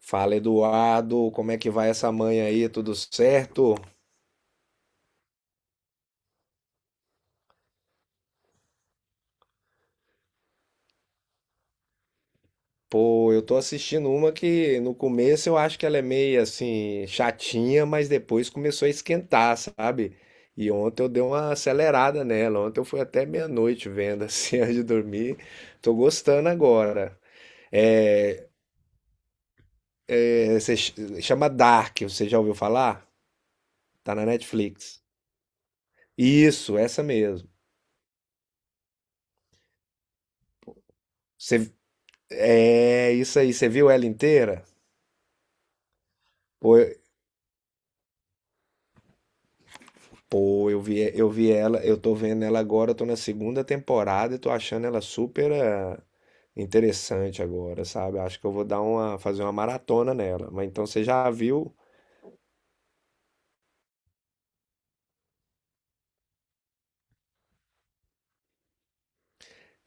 Fala, Eduardo, como é que vai essa manhã aí? Tudo certo? Pô, eu tô assistindo uma que no começo eu acho que ela é meio assim chatinha, mas depois começou a esquentar, sabe? E ontem eu dei uma acelerada nela. Ontem eu fui até meia-noite vendo assim antes de dormir. Tô gostando agora. É, é, se ch- chama Dark, você já ouviu falar? Tá na Netflix. Isso, essa mesmo. Você, é isso aí, você viu ela inteira? Pô, eu vi ela, eu tô vendo ela agora, eu tô na segunda temporada e tô achando ela super interessante agora, sabe? Acho que eu vou fazer uma maratona nela. Mas então você já viu?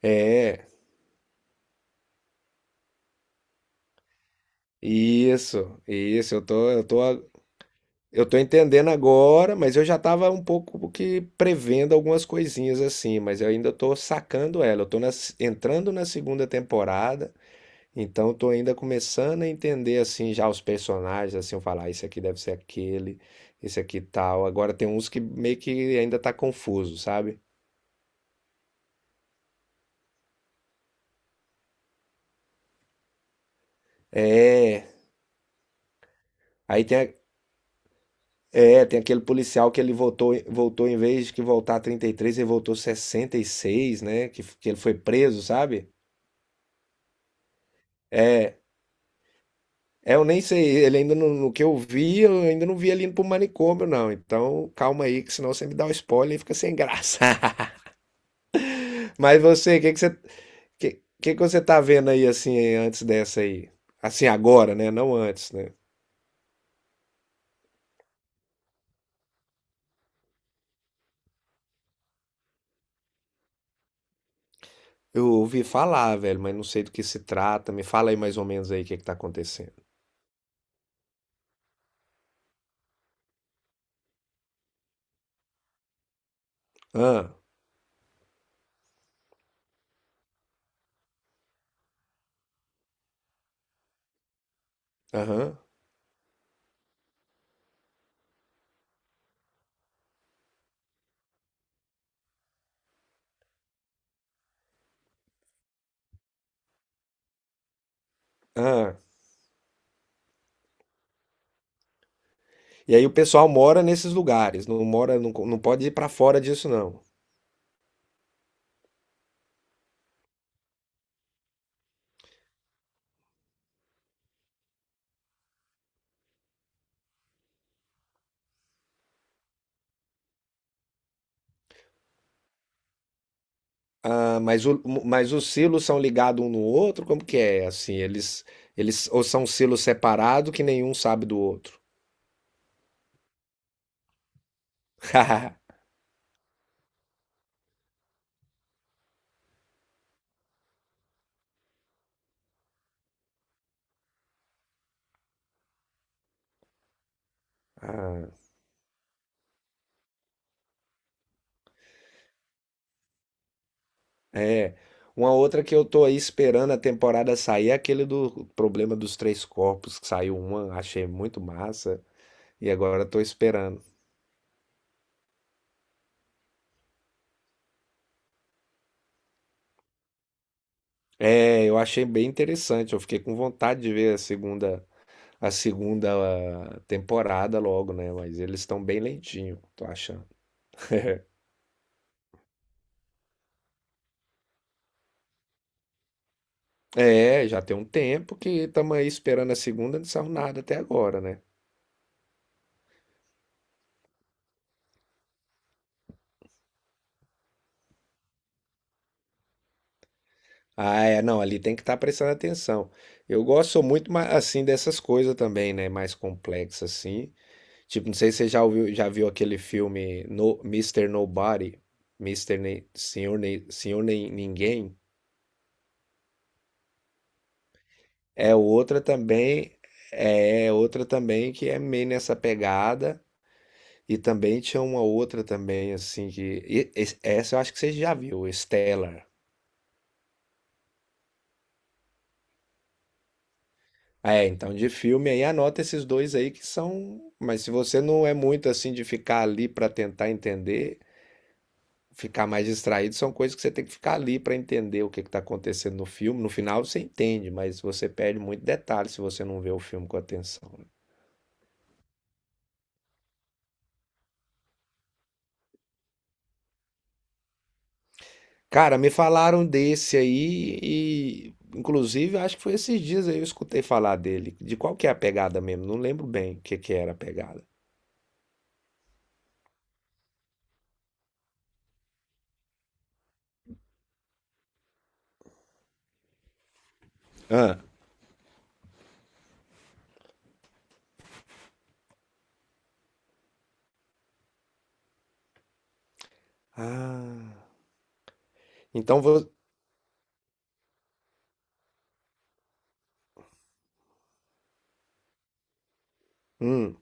É, isso, eu tô entendendo agora, mas eu já tava um pouco que prevendo algumas coisinhas assim, mas eu ainda tô sacando ela. Entrando na segunda temporada. Então, tô ainda começando a entender assim já os personagens, assim, eu falar, "Ah, esse aqui deve ser aquele, esse aqui tal." Agora tem uns que meio que ainda tá confuso, sabe? É. Aí tem aquele policial que ele voltou em vez de que voltar 33, ele voltou 66, né? Que ele foi preso, sabe? É, eu nem sei, ele ainda não, no que eu vi, eu ainda não vi ele indo pro manicômio, não. Então, calma aí, que senão você me dá o spoiler e fica sem graça. Mas você, o que que você, Que que você tá vendo aí assim antes dessa aí? Assim agora, né? Não antes, né? Eu ouvi falar, velho, mas não sei do que se trata. Me fala aí mais ou menos aí o que que tá acontecendo. Ah, aham, ah. E aí o pessoal mora nesses lugares, não mora, não, não pode ir pra fora disso não. Ah, mas os silos são ligados um no outro? Como que é? Assim, eles ou são silos separados que nenhum sabe do outro. Ah, é. Uma outra que eu tô aí esperando a temporada sair é aquele do problema dos três corpos, que saiu uma, achei muito massa, e agora tô esperando. É, eu achei bem interessante, eu fiquei com vontade de ver a segunda temporada logo, né? Mas eles estão bem lentinho, tô achando. É, já tem um tempo que estamos aí esperando a segunda, não saiu nada até agora, né? Ah, é, não, ali tem que estar prestando atenção. Eu gosto muito, assim, dessas coisas também, né? Mais complexas, assim. Tipo, não sei se você já ouviu, já viu aquele filme no, Mister Nobody, Mister Nem, Senhor, Nem, Senhor Nem Ninguém. É outra também, outra também que é meio nessa pegada. E também tinha uma outra também, assim, que. Essa eu acho que você já viu, Stellar. É, então de filme aí anota esses dois aí que são. Mas se você não é muito assim de ficar ali pra tentar entender, ficar mais distraído são coisas que você tem que ficar ali para entender o que está acontecendo no filme. No final você entende, mas você perde muito detalhe se você não vê o filme com atenção, né? Cara, me falaram desse aí e, inclusive, acho que foi esses dias aí eu escutei falar dele. De qual que é a pegada mesmo? Não lembro bem o que que era a pegada. Ah, ah. Então vou. Hum.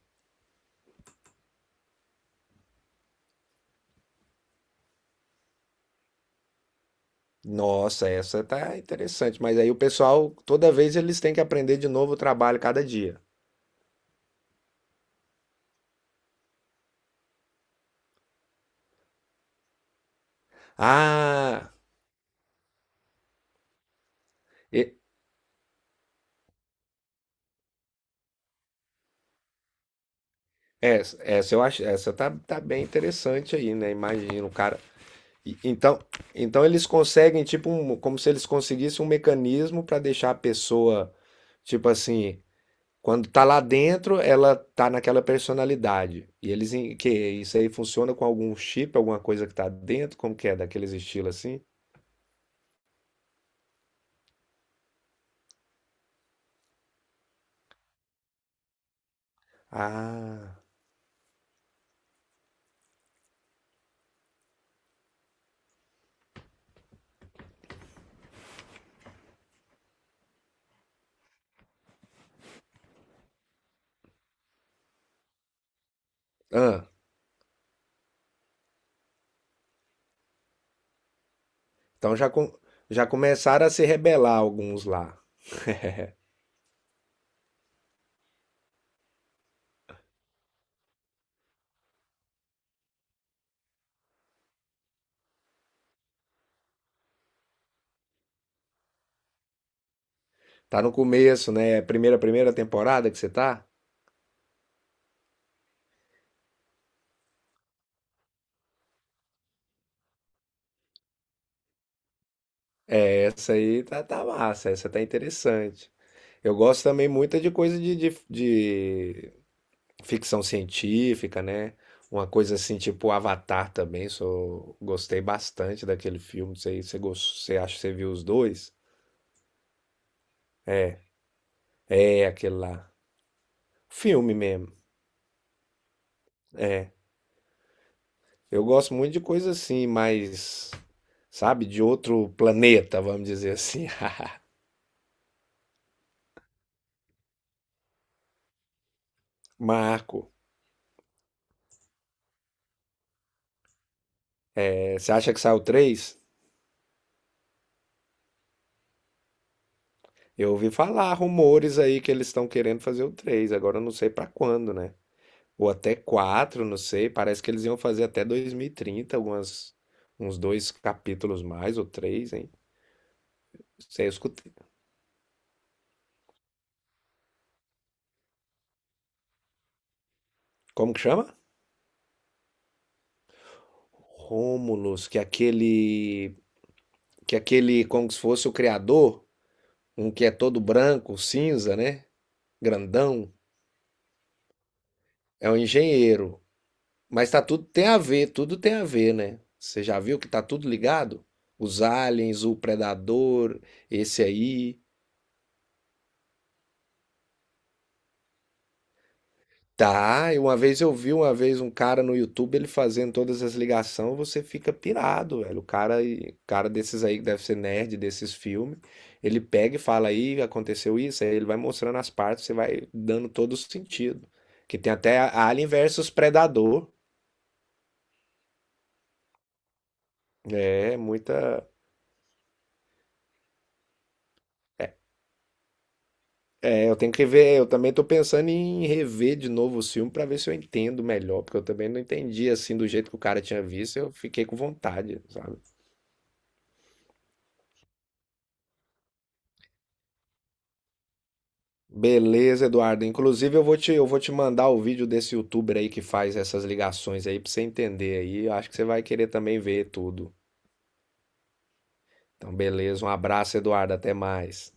Nossa, essa tá interessante. Mas aí o pessoal, toda vez eles têm que aprender de novo o trabalho cada dia. Ah, Essa eu acho, essa tá bem interessante aí, né? Imagina o cara. Então, eles conseguem, tipo, como se eles conseguissem um mecanismo para deixar a pessoa, tipo assim, quando tá lá dentro, ela tá naquela personalidade. E que isso aí funciona com algum chip, alguma coisa que tá dentro, como que é, daqueles estilos assim? Ah, ah, então já, já começaram a se rebelar alguns lá. Tá no começo, né? Primeira temporada que você tá? Essa aí tá massa, essa tá interessante. Eu gosto também muito de coisa de ficção científica, né? Uma coisa assim, tipo Avatar também, gostei bastante daquele filme. Você acha que você viu os dois? É, aquele lá. Filme mesmo, é. Eu gosto muito de coisa assim, mais, sabe, de outro planeta, vamos dizer assim. Marco, é, você acha que saiu três? Eu ouvi falar rumores aí que eles estão querendo fazer o três. Agora eu não sei pra quando, né? Ou até 4, não sei. Parece que eles iam fazer até 2030, algumas, uns dois capítulos mais, ou três, hein? Não sei, eu escutei. Como que chama? Rômulus, que aquele. Que aquele, como se fosse o criador, um que é todo branco, cinza, né? Grandão. É um engenheiro. Mas tá tudo tem a ver, tudo tem a ver, né? Você já viu que tá tudo ligado? Os aliens, o predador, esse aí. Tá, e uma vez eu vi uma vez um cara no YouTube ele fazendo todas as ligações, você fica pirado, velho. Cara desses aí que deve ser nerd desses filmes, ele pega e fala aí, aconteceu isso, aí ele vai mostrando as partes, você vai dando todo o sentido. Que tem até Alien versus Predador. É, muita. É, eu tenho que ver, eu também tô pensando em rever de novo o filme pra ver se eu entendo melhor, porque eu também não entendi assim do jeito que o cara tinha visto, eu fiquei com vontade, sabe? Beleza, Eduardo. Inclusive eu vou te mandar o vídeo desse youtuber aí que faz essas ligações aí pra você entender aí. Eu acho que você vai querer também ver tudo. Então, beleza. Um abraço, Eduardo. Até mais.